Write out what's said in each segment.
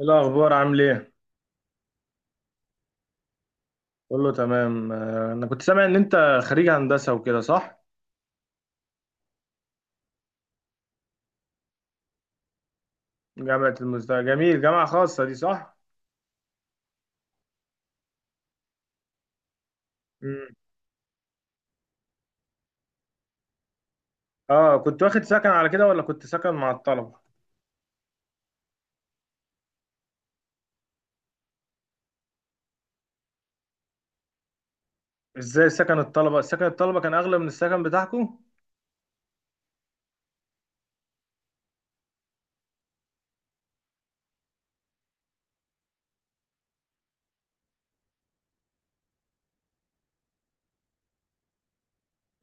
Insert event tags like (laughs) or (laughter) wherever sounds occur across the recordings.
إيه الأخبار؟ عامل إيه؟ كله تمام. أنا كنت سامع إن أنت خريج هندسة وكده، صح؟ جامعة المزدهر، جميل. جامعة خاصة دي، صح؟ مم. آه، كنت واخد سكن على كده ولا كنت سكن مع الطلبة؟ إزاي سكن الطلبة؟ سكن الطلبة كان أغلى من السكن بتاعكم؟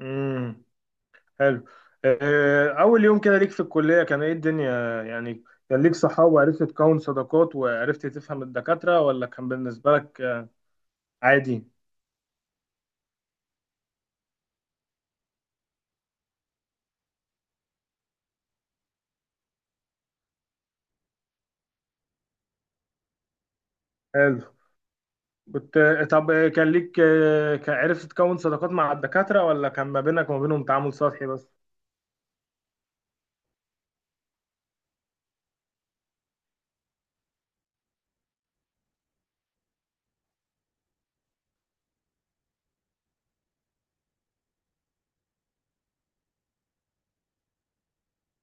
امم، حلو. أول يوم كده ليك في الكلية، كان إيه الدنيا يعني؟ كان ليك صحاب وعرفت تكون صداقات وعرفت تفهم الدكاترة، ولا كان بالنسبة لك عادي؟ حلو. كنت، طب كان ليك، كان عرفت تكون صداقات مع الدكاترة ولا كان ما بينك وما بينهم تعامل سطحي بس؟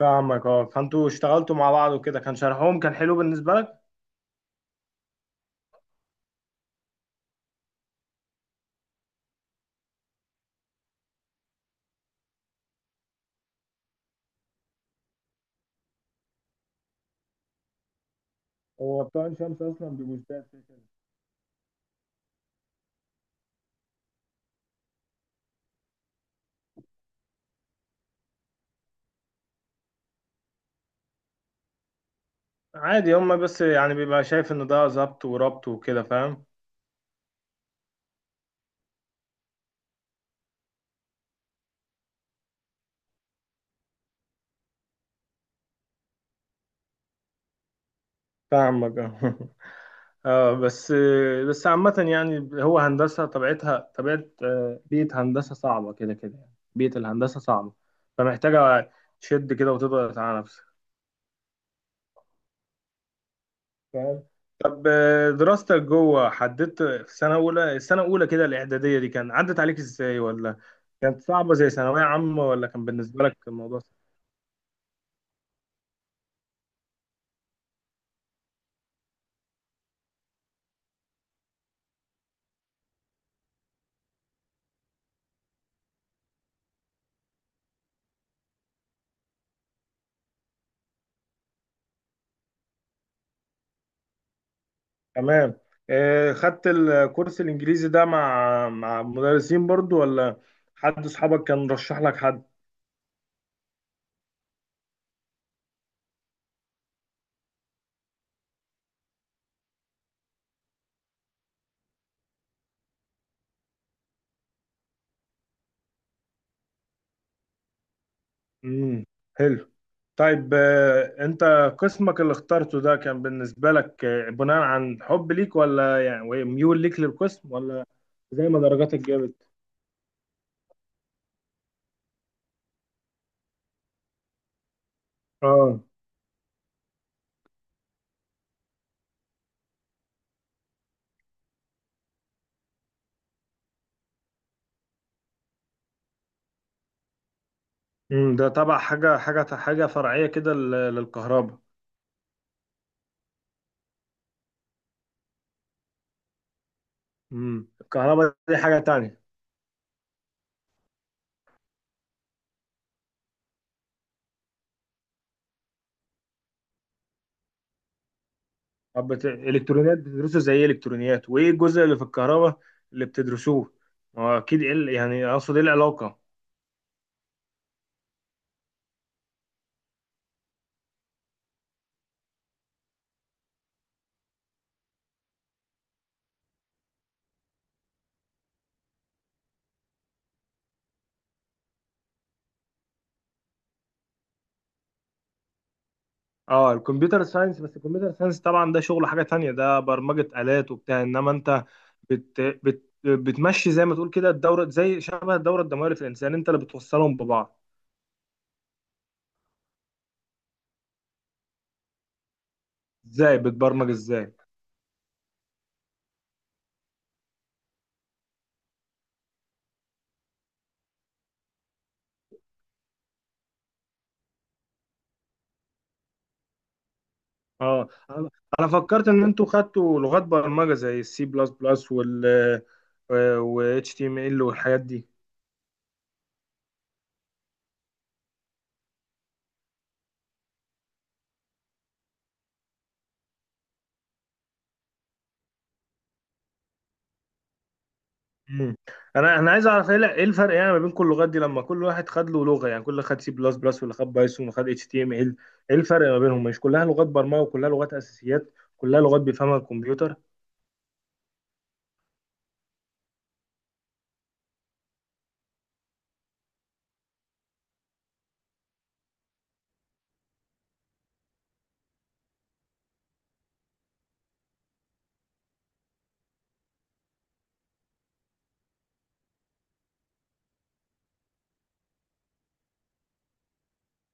فاهمك، اه. فانتوا اشتغلتوا مع بعض وكده، كان شرحهم كان حلو بالنسبة لك؟ هو بتوع عين شمس اصلا بيبقوا زيادة كده كده. عادي، هما بس يعني بيبقى شايف ان ده ظبط وربط وكده، فاهم. فاهمك، اه. (laughs) اه، بس، بس عامة يعني هو هندسة طبيعتها طبيعة بيئة هندسة صعبة كده كده، يعني بيئة الهندسة صعبة، فمحتاجة تشد كده وتضغط على نفسك، فاهم. طب، دراستك جوه، حددت في سنة أولى، السنة الأولى كده الإعدادية دي، كان عدت عليك إزاي، ولا كانت صعبة زي ثانوية عامة، ولا كان بالنسبة لك الموضوع سهل؟ تمام. خدت الكورس الإنجليزي ده مع مدرسين برضو، ولا حد أصحابك كان رشح لك حد؟ امم، حلو. طيب، أنت قسمك اللي اخترته ده كان بالنسبة لك بناء عن حب ليك، ولا يعني ميول ليك للقسم، ولا زي ما درجاتك جابت؟ اه. امم، ده تبع حاجة فرعية كده لل- للكهرباء؟ امم، الكهرباء دي حاجة تانية. طب بت... الإلكترونيات بتدرسوا زي إيه؟ إلكترونيات وإيه الجزء اللي في الكهرباء اللي بتدرسوه؟ ما هو أكيد إيه ال-، يعني أقصد إيه العلاقة؟ أه، الكمبيوتر ساينس. بس الكمبيوتر ساينس طبعا ده شغل حاجة تانية، ده برمجة آلات وبتاع. إنما أنت بت... بت... بتمشي زي ما تقول كده، الدورة زي شبه الدورة الدموية اللي في الإنسان، أنت اللي بتوصلهم ببعض. إزاي بتبرمج، إزاي؟ اه، أنا فكرت ان انتوا خدتوا لغات برمجه زي السي بلس بلس وال و اتش تي ام ال والحاجات دي. مم. انا عايز اعرف إيه الفرق يعني ما بين كل اللغات دي، لما كل واحد خد له لغه، يعني كل خد سي بلس بلس، واللي خد بايثون، وخد اتش تي ام ال، ايه الفرق ما بينهم؟ مش كلها لغات برمجه، وكلها لغات اساسيات، كلها لغات بيفهمها الكمبيوتر.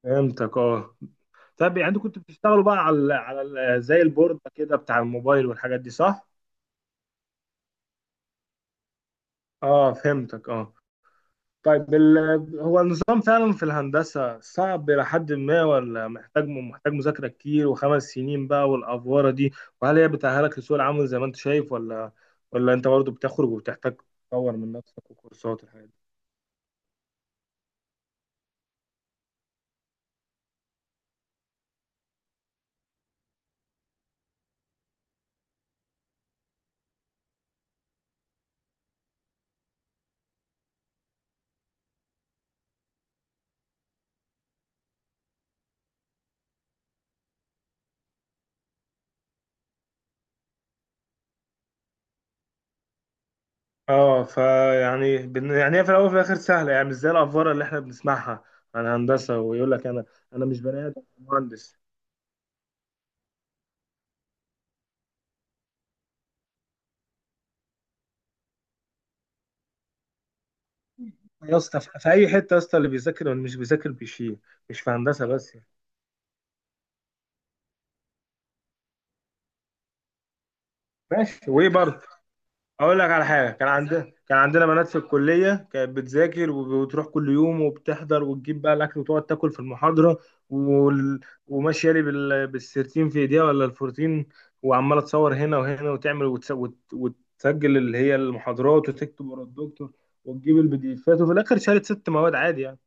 فهمتك، اه. طب يعني انتوا كنتوا بتشتغلوا بقى على زي البورد كده بتاع الموبايل والحاجات دي، صح؟ اه، فهمتك، اه. طيب ال- هو النظام فعلا في الهندسة صعب إلى حد ما، ولا محتاج مذاكرة كتير، وخمس سنين بقى والأفوارة دي، وهل هي بتأهلك لسوق العمل زي ما أنت شايف، ولا، ولا أنت برضه بتخرج وبتحتاج تطور من نفسك وكورسات والحاجات دي؟ اه، فيعني بن-، يعني هي في الأول وفي الآخر سهلة، يعني مش زي الأفوارة اللي إحنا بنسمعها عن هندسة، ويقول لك أنا، أنا مش بني آدم، أنا مهندس. يا اسطى، في أي حتة يا اسطى، اللي بيذاكر واللي مش بيذاكر بيشيل، مش في هندسة بس يعني. ماشي، وإيه برضه؟ اقول لك على حاجه، كان عندنا، كان عندنا بنات في الكليه كانت بتذاكر وبتروح كل يوم وبتحضر، وتجيب بقى الاكل وتقعد تاكل في المحاضره، وال...، وماشيه لي بال... بالسيرتين في ايديها ولا الفورتين، وعماله تصور هنا وهنا، وتعمل وتس... وت... وتسجل اللي هي المحاضرات، وتكتب ورا الدكتور، وتجيب البي دي افات، وفي الاخر شالت 6 مواد عادي يعني.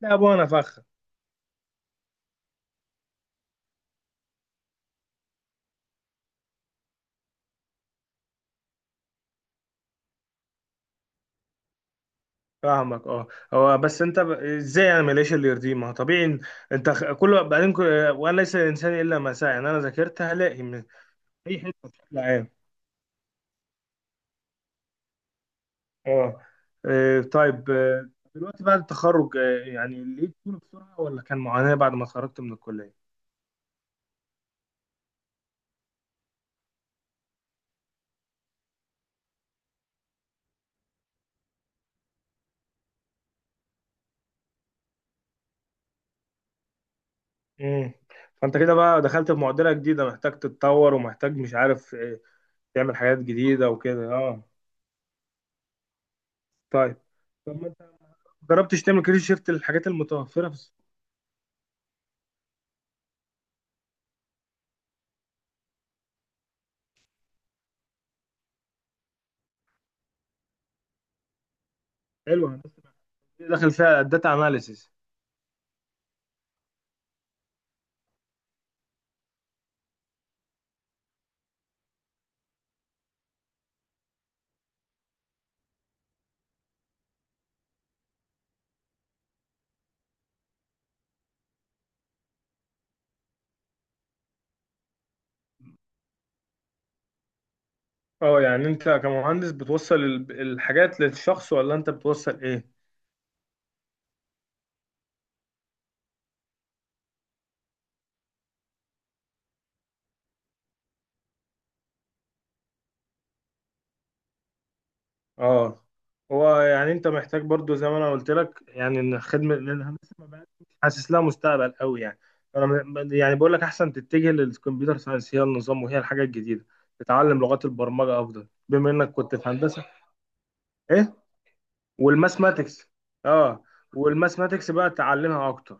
لا ابو انا فخ. فاهمك، اه. هو بس انت ب...، ازاي انا ماليش اللي يرضيه؟ ما هو طبيعي إن-، انت خ- كل بعدين كل...، وانا ليس الانسان الا ما سعى، ان انا ذاكرت هلاقي اي حته بشكل عام. اه. طيب، دلوقتي بعد التخرج، يعني لقيت شغل بسرعه، ولا كان معاناه بعد ما اتخرجت من الكليه؟ امم. فانت كده بقى دخلت في معضله جديده، محتاج تتطور، ومحتاج، مش عارف، تعمل حاجات جديده وكده، اه. طيب، طب ما انت جربتش تعمل كارير شيفت للحاجات المتوفره في السوق؟ حلوه. الناس دي داخل فيها الداتا اناليسيس؟ اه، يعني انت كمهندس بتوصل ال- الحاجات للشخص، ولا انت بتوصل ايه؟ اه. هو يعني انت محتاج برضو زي ما انا قلت لك، يعني ان خدمه، لان انا لسه ما بقاش حاسس لها مستقبل قوي يعني. فانا م-، يعني بقول لك احسن تتجه للكمبيوتر ساينس، هي النظام وهي الحاجه الجديده، تتعلم لغات البرمجه افضل بما انك كنت في هندسه. ايه؟ والماثماتكس، اه، والماثماتكس بقى تعلمها اكتر.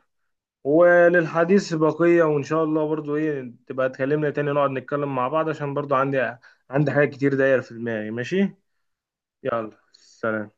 وللحديث بقيه، وان شاء الله برضو ايه تبقى تكلمنا تاني، نقعد نتكلم مع بعض، عشان برضو عندي، عندي حاجات كتير داير في دماغي. ماشي، يلا سلام.